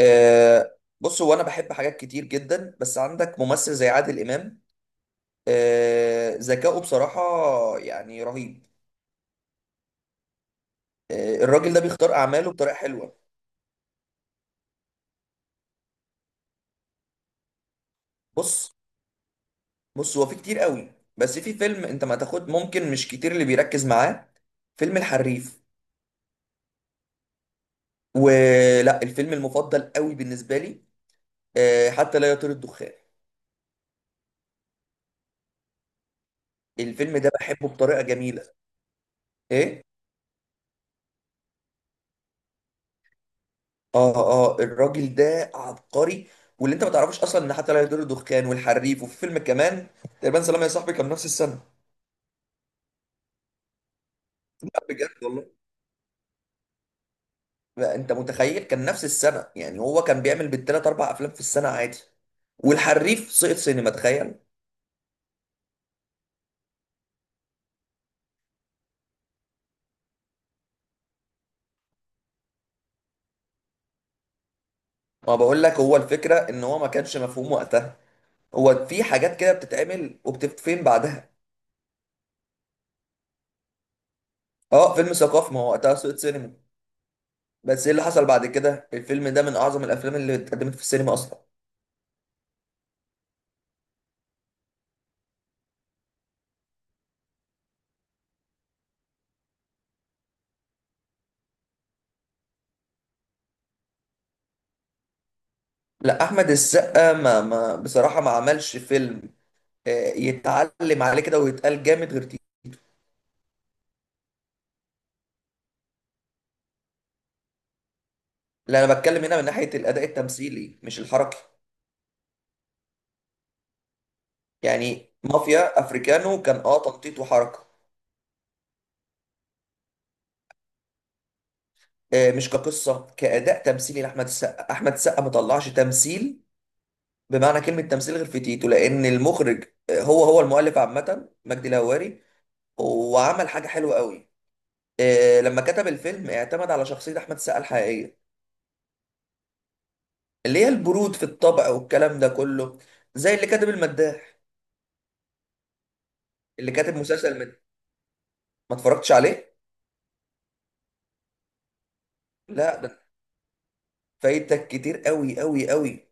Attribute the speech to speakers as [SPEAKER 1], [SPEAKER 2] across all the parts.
[SPEAKER 1] بص هو انا بحب حاجات كتير جدا، بس عندك ممثل زي عادل امام. ذكائه بصراحه يعني رهيب. الراجل ده بيختار اعماله بطريقه حلوه. بص بص هو في كتير قوي، بس في فيلم انت ما تاخد ممكن مش كتير اللي بيركز معاه: فيلم الحريف، ولا الفيلم المفضل قوي بالنسبه لي. حتى لا يطير الدخان. الفيلم ده بحبه بطريقه جميله. ايه. اه الراجل ده عبقري. واللي انت ما تعرفوش اصلا ان حتى لا يدور الدخان والحريف وفي فيلم كمان تقريبا سلام يا صاحبي كان نفس السنه. لا، بجد والله. لا، انت متخيل؟ كان نفس السنه، يعني هو كان بيعمل بالثلاث اربع افلام في السنه عادي. والحريف سقط سينما، تخيل. ما بقول لك هو الفكره ان هو ما كانش مفهوم وقتها. هو في حاجات كده بتتعمل وبتتفهم بعدها. اه، فيلم ثقافي، ما هو وقتها سقط سينما. بس ايه اللي حصل بعد كده؟ الفيلم ده من اعظم الافلام اللي اتقدمت في السينما اصلا. لا، احمد السقا ما ما بصراحه ما عملش فيلم آه، يتعلم عليه كده ويتقال جامد غير تيتو. لا، انا بتكلم هنا من ناحيه الاداء التمثيلي مش الحركي. يعني مافيا افريكانو كان تنطيط وحركه. مش كقصه، كاداء تمثيلي لاحمد السقا. احمد السقا ما طلعش تمثيل بمعنى كلمه تمثيل غير في تيتو، لان المخرج هو المؤلف عامه مجدي الهواري، وعمل حاجه حلوه قوي. لما كتب الفيلم اعتمد على شخصيه احمد السقا الحقيقيه، اللي هي البرود في الطبع والكلام ده كله، زي اللي كاتب المداح. اللي كاتب مسلسل ما اتفرجتش عليه. لا، ده فايتك كتير قوي قوي قوي.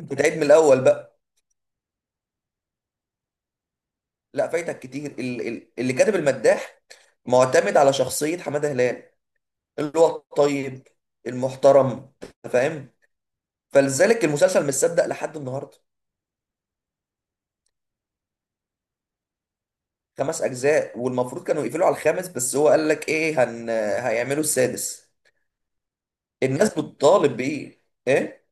[SPEAKER 1] انت تعيد من الاول بقى. لا، فايتك كتير. اللي كاتب المداح معتمد على شخصية حمادة هلال، اللي هو الطيب المحترم، أنت فاهم، فلذلك المسلسل مش صدق لحد النهارده. خمس اجزاء، والمفروض كانوا يقفلوا على الخامس، بس هو قال لك ايه هيعملوا السادس. الناس بتطالب بايه؟ ايه؟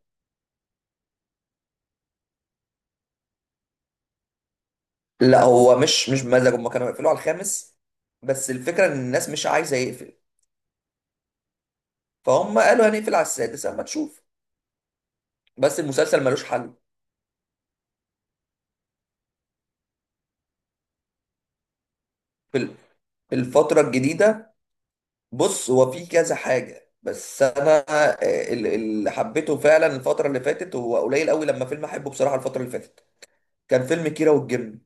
[SPEAKER 1] لا، هو مش بمزاج، هم كانوا هيقفلوا على الخامس، بس الفكره ان الناس مش عايزه يقفل، فهم قالوا هنقفل على السادس اما تشوف. بس المسلسل ملوش حل. في ال- في الفتره الجديده، بص هو في كذا حاجه، بس انا اللي حبيته فعلا الفتره اللي فاتت هو قليل قوي لما فيلم احبه بصراحه. الفتره اللي فاتت كان فيلم كيرة والجن.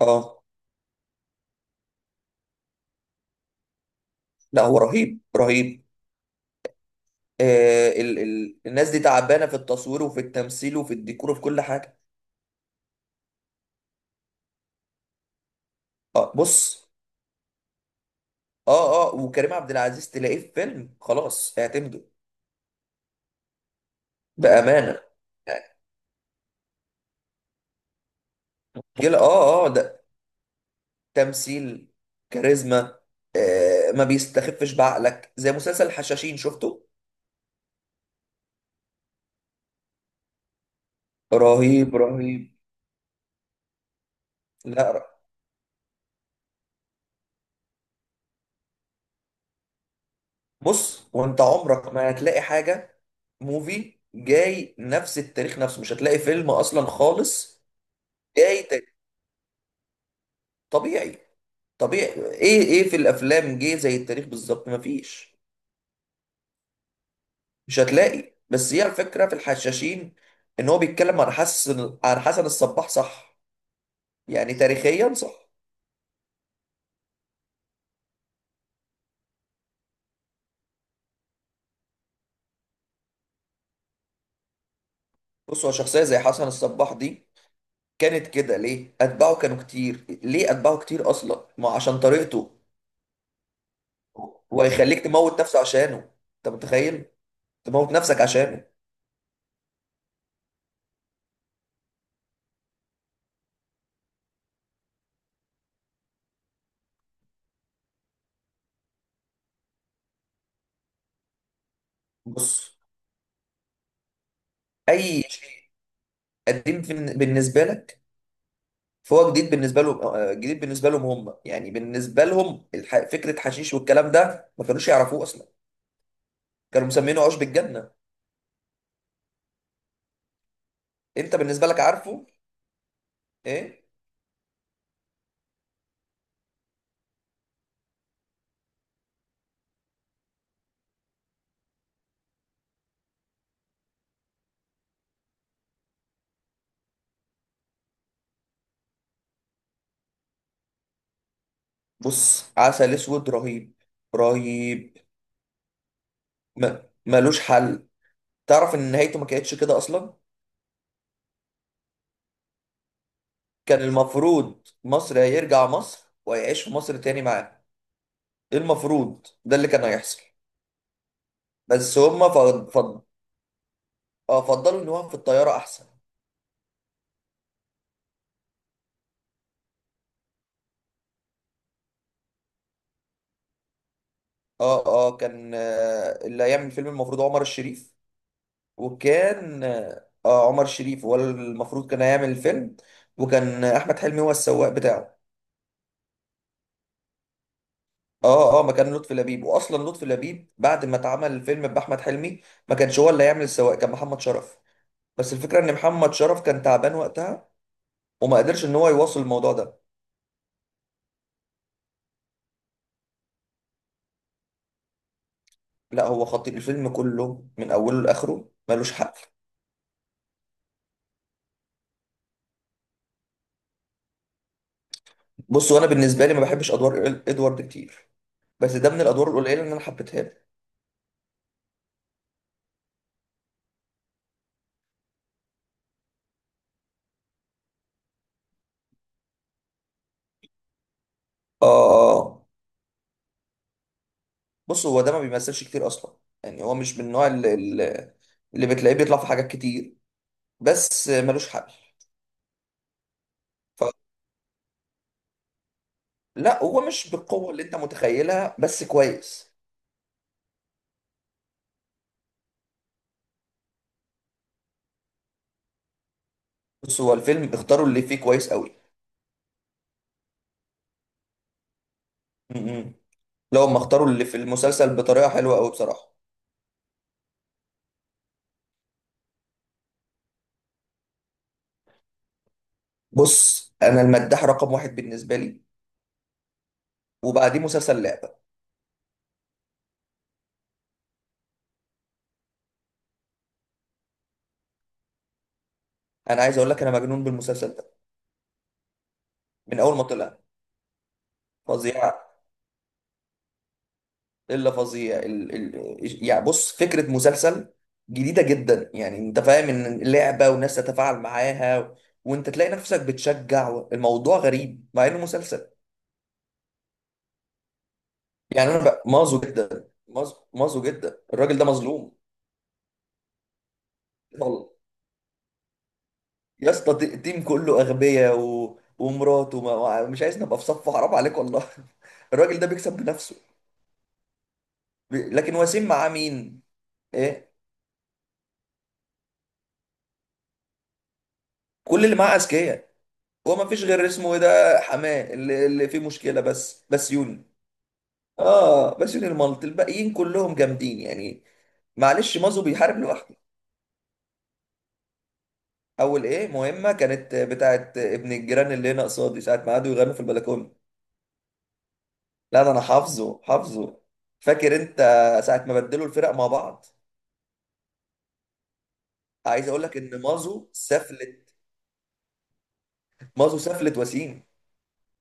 [SPEAKER 1] اه. لا، هو رهيب رهيب. آه ال ال الناس دي تعبانه في التصوير وفي التمثيل وفي الديكور وفي كل حاجه. اه، بص، اه وكريم عبد العزيز تلاقيه في فيلم خلاص اعتمده بأمانة. جيل ده تمثيل، كاريزما. ما بيستخفش بعقلك، زي مسلسل الحشاشين. شفته؟ رهيب رهيب. لا بص، وانت عمرك ما هتلاقي حاجة. موفي جاي نفس التاريخ نفسه، مش هتلاقي فيلم اصلا خالص. جاي ت- طبيعي طبيعي. ايه في الافلام جه زي التاريخ بالظبط؟ مفيش. مش هتلاقي. بس هي الفكرة في الحشاشين ان هو بيتكلم عن حسن الصباح، صح؟ يعني تاريخيا صح. بص، هو شخصية زي حسن الصباح دي كانت كده ليه؟ اتباعه كانوا كتير، ليه اتباعه كتير اصلا؟ ما عشان طريقته. هو يخليك تموت نفسه عشانه. انت متخيل؟ تموت نفسك عشانه. بص، اي شيء قديم بالنسبة لك، فهو جديد بالنسبة لهم. جديد بالنسبة لهم هم. يعني بالنسبة لهم فكرة حشيش والكلام ده ما كانوش يعرفوه اصلا. كانوا مسمينه عشب الجنة. انت بالنسبه لك عارفه ايه؟ بص، عسل اسود رهيب رهيب، ما ملوش حل. تعرف ان نهايته ما كانتش كده اصلا؟ كان المفروض مصر، هيرجع مصر وهيعيش في مصر تاني معاه. إيه، المفروض ده اللي كان هيحصل. بس هما فض... فض... اه فضلوا ان هو في الطياره احسن. اه كان اللي هيعمل الفيلم المفروض عمر الشريف. وكان عمر الشريف هو المفروض كان هيعمل الفيلم، وكان احمد حلمي هو السواق بتاعه. اه مكان لطفي لبيب. واصلا لطفي لبيب بعد ما اتعمل الفيلم باحمد حلمي ما كانش هو اللي هيعمل السواق، كان محمد شرف. بس الفكره ان محمد شرف كان تعبان وقتها وما قدرش ان هو يواصل الموضوع ده. لا، هو خطير، الفيلم كله من اوله لاخره ملوش حل. بص، وانا بالنسبه لي ما بحبش ادوار ادوارد كتير، بس ده من الادوار القليله اللي انا حبيتها له. اه، اه، آه. بص، هو ده ما بيمثلش كتير اصلا، يعني هو مش من النوع اللي بتلاقيه بيطلع في حاجات كتير، بس ملوش حل. لا، هو مش بالقوة اللي انت متخيلها، بس كويس. بص، هو الفيلم اختاروا اللي فيه كويس قوي. م-م. لو هم اختاروا اللي في المسلسل بطريقة حلوة قوي بصراحة. بص، انا المداح رقم واحد بالنسبة لي، وبعديه مسلسل لعبة. انا عايز اقول لك انا مجنون بالمسلسل ده من اول ما طلع. فظيع. الا فظيع يعني بص، فكرة مسلسل جديدة جدا. يعني انت فاهم ان لعبة وناس تتفاعل معاها، وانت تلاقي نفسك بتشجع. الموضوع غريب مع انه مسلسل. يعني انا بقى مازو جدا، مازو مازو جدا، الراجل ده مظلوم والله. يا اسطى، التيم كله اغبياء، ومراته ما... مش عايز نبقى في صفه، حرام عليك والله. الراجل ده بيكسب بنفسه. لكن وسيم معاه مين؟ ايه؟ كل اللي معاه اذكياء. هو ما فيش غير اسمه ايه ده، حماه اللي فيه مشكله، بس يوني. اه، بس يوني الملط، الباقيين كلهم جامدين يعني. معلش، مازو بيحارب لوحده. اول ايه مهمه كانت بتاعت ابن الجيران اللي هنا قصادي ساعه ما قعدوا يغنوا في البلكونه. لا، ده انا حافظه حافظه. فاكر انت ساعه ما بدلوا الفرق مع بعض؟ عايز اقول لك ان مازو سفلت. مازو سفلت وسيم.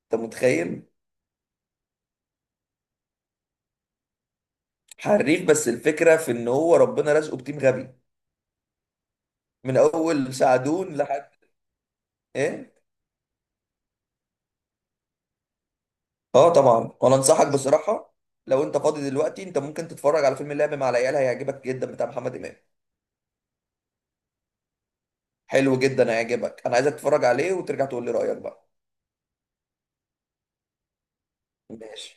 [SPEAKER 1] انت متخيل؟ حريف، بس الفكره في ان هو ربنا رزقه بتيم غبي. من اول سعدون لحد ايه. اه، طبعا. وانا انصحك بصراحه، لو انت فاضي دلوقتي انت ممكن تتفرج على فيلم اللعب مع العيال، هيعجبك جدا، بتاع محمد امام. حلو جدا، هيعجبك، انا عايزك تتفرج عليه وترجع تقول لي رايك بقى. ماشي.